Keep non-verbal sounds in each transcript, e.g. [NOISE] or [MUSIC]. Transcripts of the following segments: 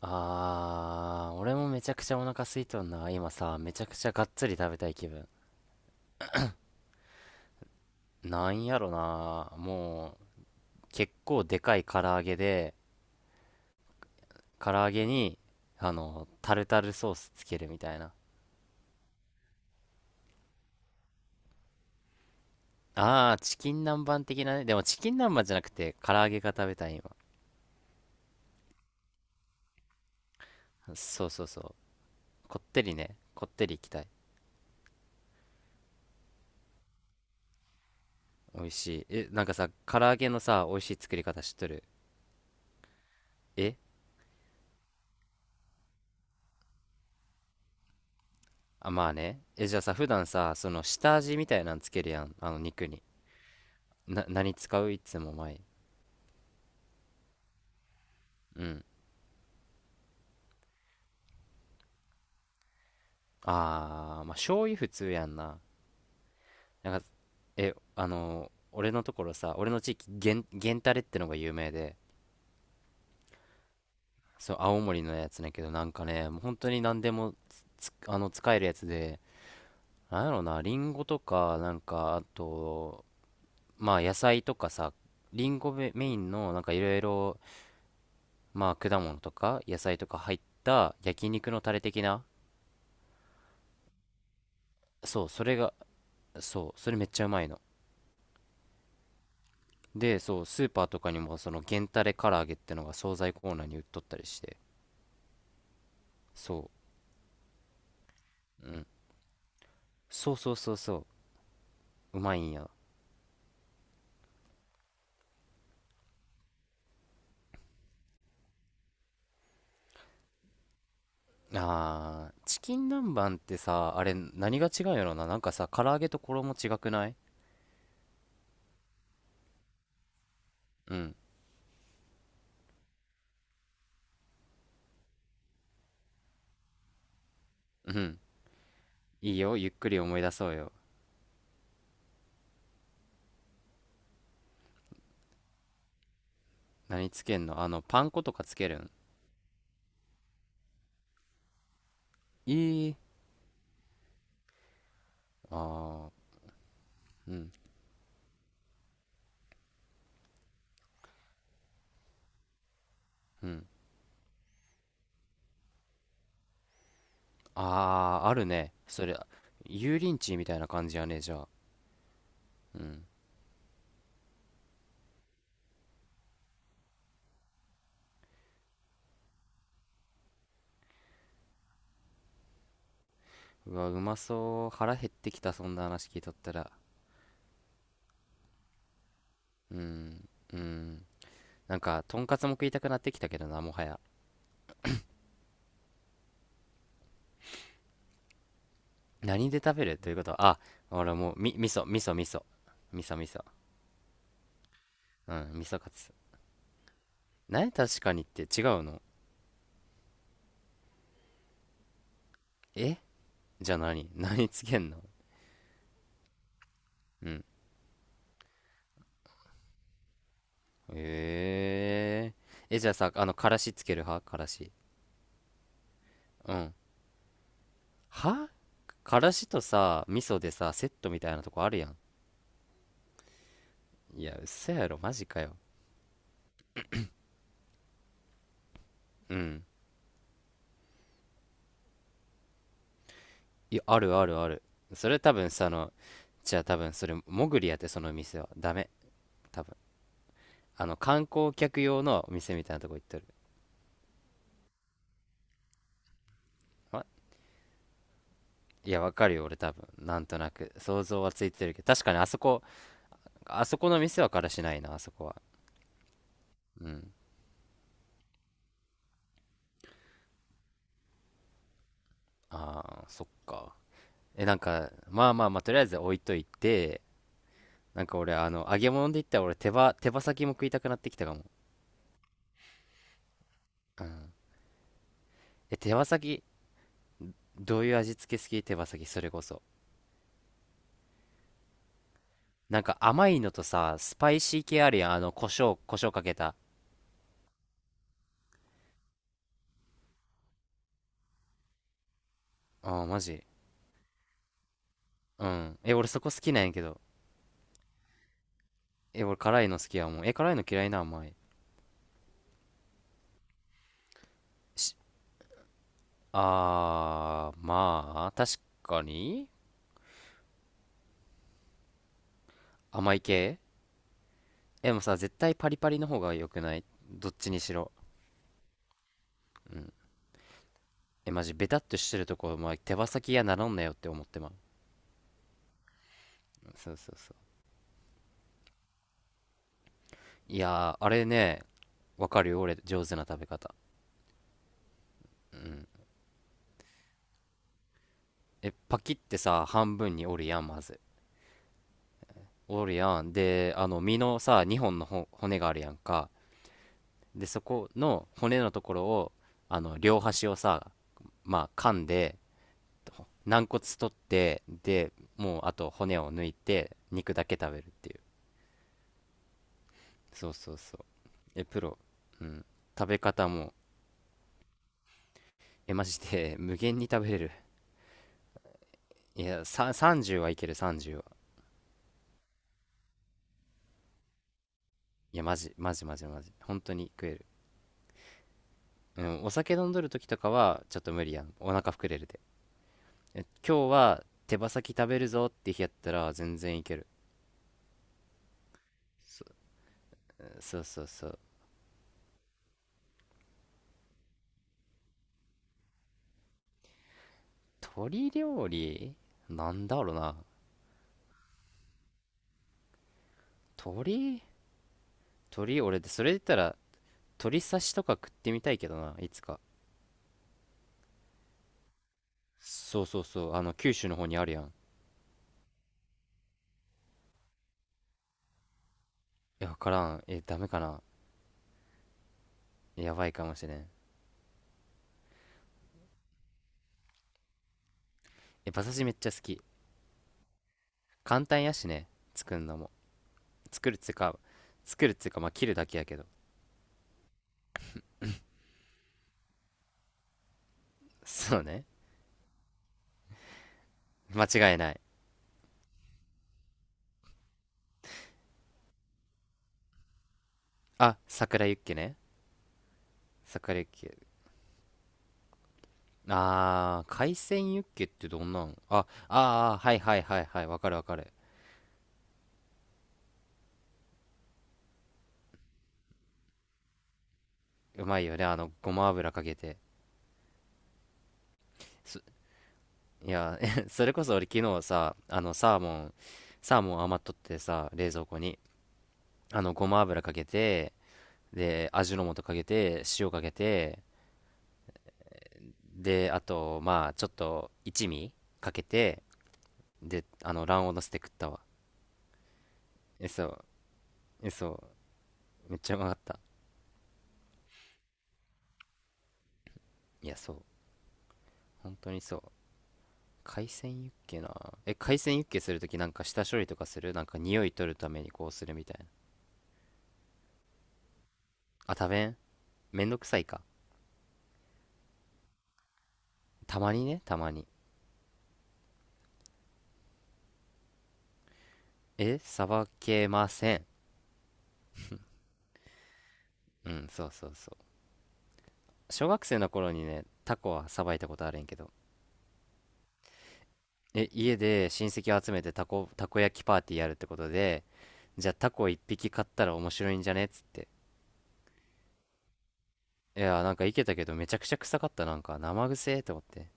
あー、俺もめちゃくちゃお腹空いとんな。今さ、めちゃくちゃがっつり食べたい気分。なんやろな。もう、結構でかい唐揚げで、唐揚げに、タルタルソースつけるみたいな。あー、チキン南蛮的なね。でもチキン南蛮じゃなくて、唐揚げが食べたい今。そうそうそう。こってりね。こってりいきたい。美味しい。え、なんかさ、唐揚げのさ、美味しい作り方知っとる？えまあね。え、じゃあさ、普段さ、その下味みたいなのつけるやん。あの肉に。何使う、いつも前？うん。ああ、まあ醤油普通やんな。なんか、えあのー俺のところさ、俺の地域、源タレってのが有名で、そう、青森のやつだけど、なんかね、もう本当に何でも、あの、使えるやつで、なんやろな、リンゴとか、なんかあと、まあ野菜とかさ、リンゴメインのなんかいろいろ、まあ果物とか野菜とか入った焼肉のタレ的な。そう、それが、そう、それめっちゃうまいので、そう、スーパーとかにもその原タレ唐揚げってのが惣菜コーナーに売っとったりして、そう、うん。そうそうそうそう、うまいんや。あー、チキン南蛮ってさ、あれ何が違うんやろな。なんかさ、唐揚げと衣違くない？うん、うん。いいよ、ゆっくり思い出そうよ。何つけんの？あの、パン粉とかつけるん？いい。あー、うん、うん。あー、あるね。それ、油淋鶏みたいな感じやね、じゃあ。うん。うわ、うまそう。腹減ってきた、そんな話聞いとったら。うん。なんか、とんかつも食いたくなってきたけどな、もはや。何で食べるということは、あ、俺もう、味噌、味噌、味噌。味噌、味噌。うん、味噌カツ。何確かにって違うの？え、じゃあ何つけんの？うん。えー。え、じゃあさ、あの、からしつける派？からし。うん。は、からしとさ、味噌でさ、セットみたいなとこあるやん。いや、嘘やろ、マジかよ。うん。いや、あるあるある。それ多分さ、あの、じゃあ多分それ、もぐりやって、その店は。ダメ。多分あの観光客用のお店みたいなとこ行っとる？あ、いやわかるよ、俺多分なんとなく想像はついてるけど、確かにあそこ、あそこの店はからしないな、あそこは。うん。ああー、そっか。え、なんか、まあまあまあ、とりあえず置いといて、なんか俺あの揚げ物で言ったら、俺手羽先も食いたくなってきたかも。うん。え、手羽先どういう味付け好き？手羽先それこそ。なんか甘いのとさ、スパイシー系あるやん、あの胡椒かけた。ああー、マジ？うん。え、俺そこ好きなんやけど。え、俺辛いの好きやもん。え、辛いの嫌いな？甘い。し、あー、まあ、確かに。甘い系。え、でもさ、絶対パリパリの方が良くない？どっちにしろ。え、マジ、ベタっとしてるとこ、まあ、手羽先やならんなよって思ってまう。そうそうそう。いやー、あれね、わかるよ、俺、上手な食べ方。え、パキってさ、半分に折るやん、まず。折るやん。で、あの、身のさ、2本のほ骨があるやんか。で、そこの骨のところを、あの両端をさ、まあ噛んで、軟骨取って、でもうあと骨を抜いて肉だけ食べるっていう。そうそうそう。え、プロ？うん。食べ方も。え、マジで無限に食べれる。いやさ、30はいける、30は。いやマジマジマジマジ、本当に食える。うん、お酒飲んどる時とかはちょっと無理やん、お腹膨れるで。え、今日は手羽先食べるぞって日やったら全然いける。そそうそうそう。鳥料理、なんだろうな。鳥鳥、俺でそれで言ったら、鳥刺しとか食ってみたいけどないつか。そうそうそう。あの九州の方にあるやん。いや、わからん。え、ダメかな。やばいかもしれん。え、馬刺しめっちゃ好き。簡単やしね。作るのも。作るっつうか、作るっつうか、まあ切るだけやけど。そうね。間違いない。あ、桜ユッケね。桜ユッケ。あー、海鮮ユッケってどんなん？あ、あー、はいはいはいはい。わかるわかる。うまいよね、あの、ごま油かけて。そ、いや [LAUGHS]、それこそ俺昨日さ、あの、サーモン、サーモン余っとってさ、冷蔵庫に、あの、ごま油かけて、で、味の素かけて、塩かけて、で、あと、まあ、ちょっと一味かけて、で、あの、卵黄のせて食ったわ。え、そう、え、そう、めっちゃうまかった。いや、そう、本当にそう。海鮮ユッケな。え、海鮮ユッケするとき、なんか下処理とかする？なんか匂い取るためにこうするみたいな。あ、食べん？めんどくさいか。たまにね、たまに。え、さばけません。うん、そうそうそう。小学生の頃にね、タコはさばいたことあるんやけど。え、家で親戚を集めてタコ、たこ焼きパーティーやるってことで、じゃあタコ一匹買ったら面白いんじゃねっつって。いやー、なんかいけたけど、めちゃくちゃ臭かった、なんか生臭えと思って。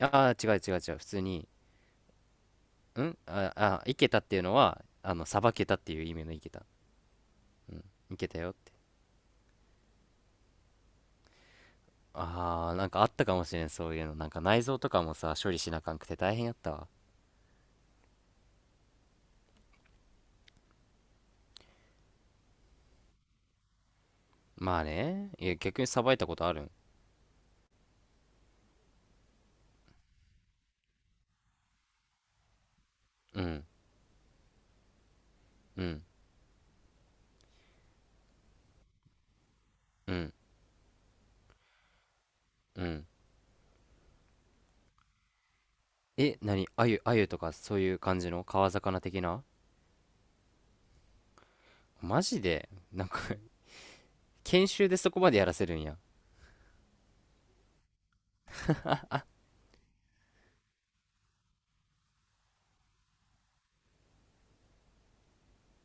ああー、違う。普通に、んああ、いけたっていうのは、あの、さばけたっていう意味のいけた。うん、いけたよって。ああ、なんかあったかもしれん、そういうの。なんか内臓とかもさ、処理しなあかんくて大変やったわ。まあね。いや、逆にさばいたことあるん？うん、うん、うん、うん。え、何あゆとかそういう感じの川魚的な？マジで、なんか [LAUGHS] 研修でそこまでやらせるんや。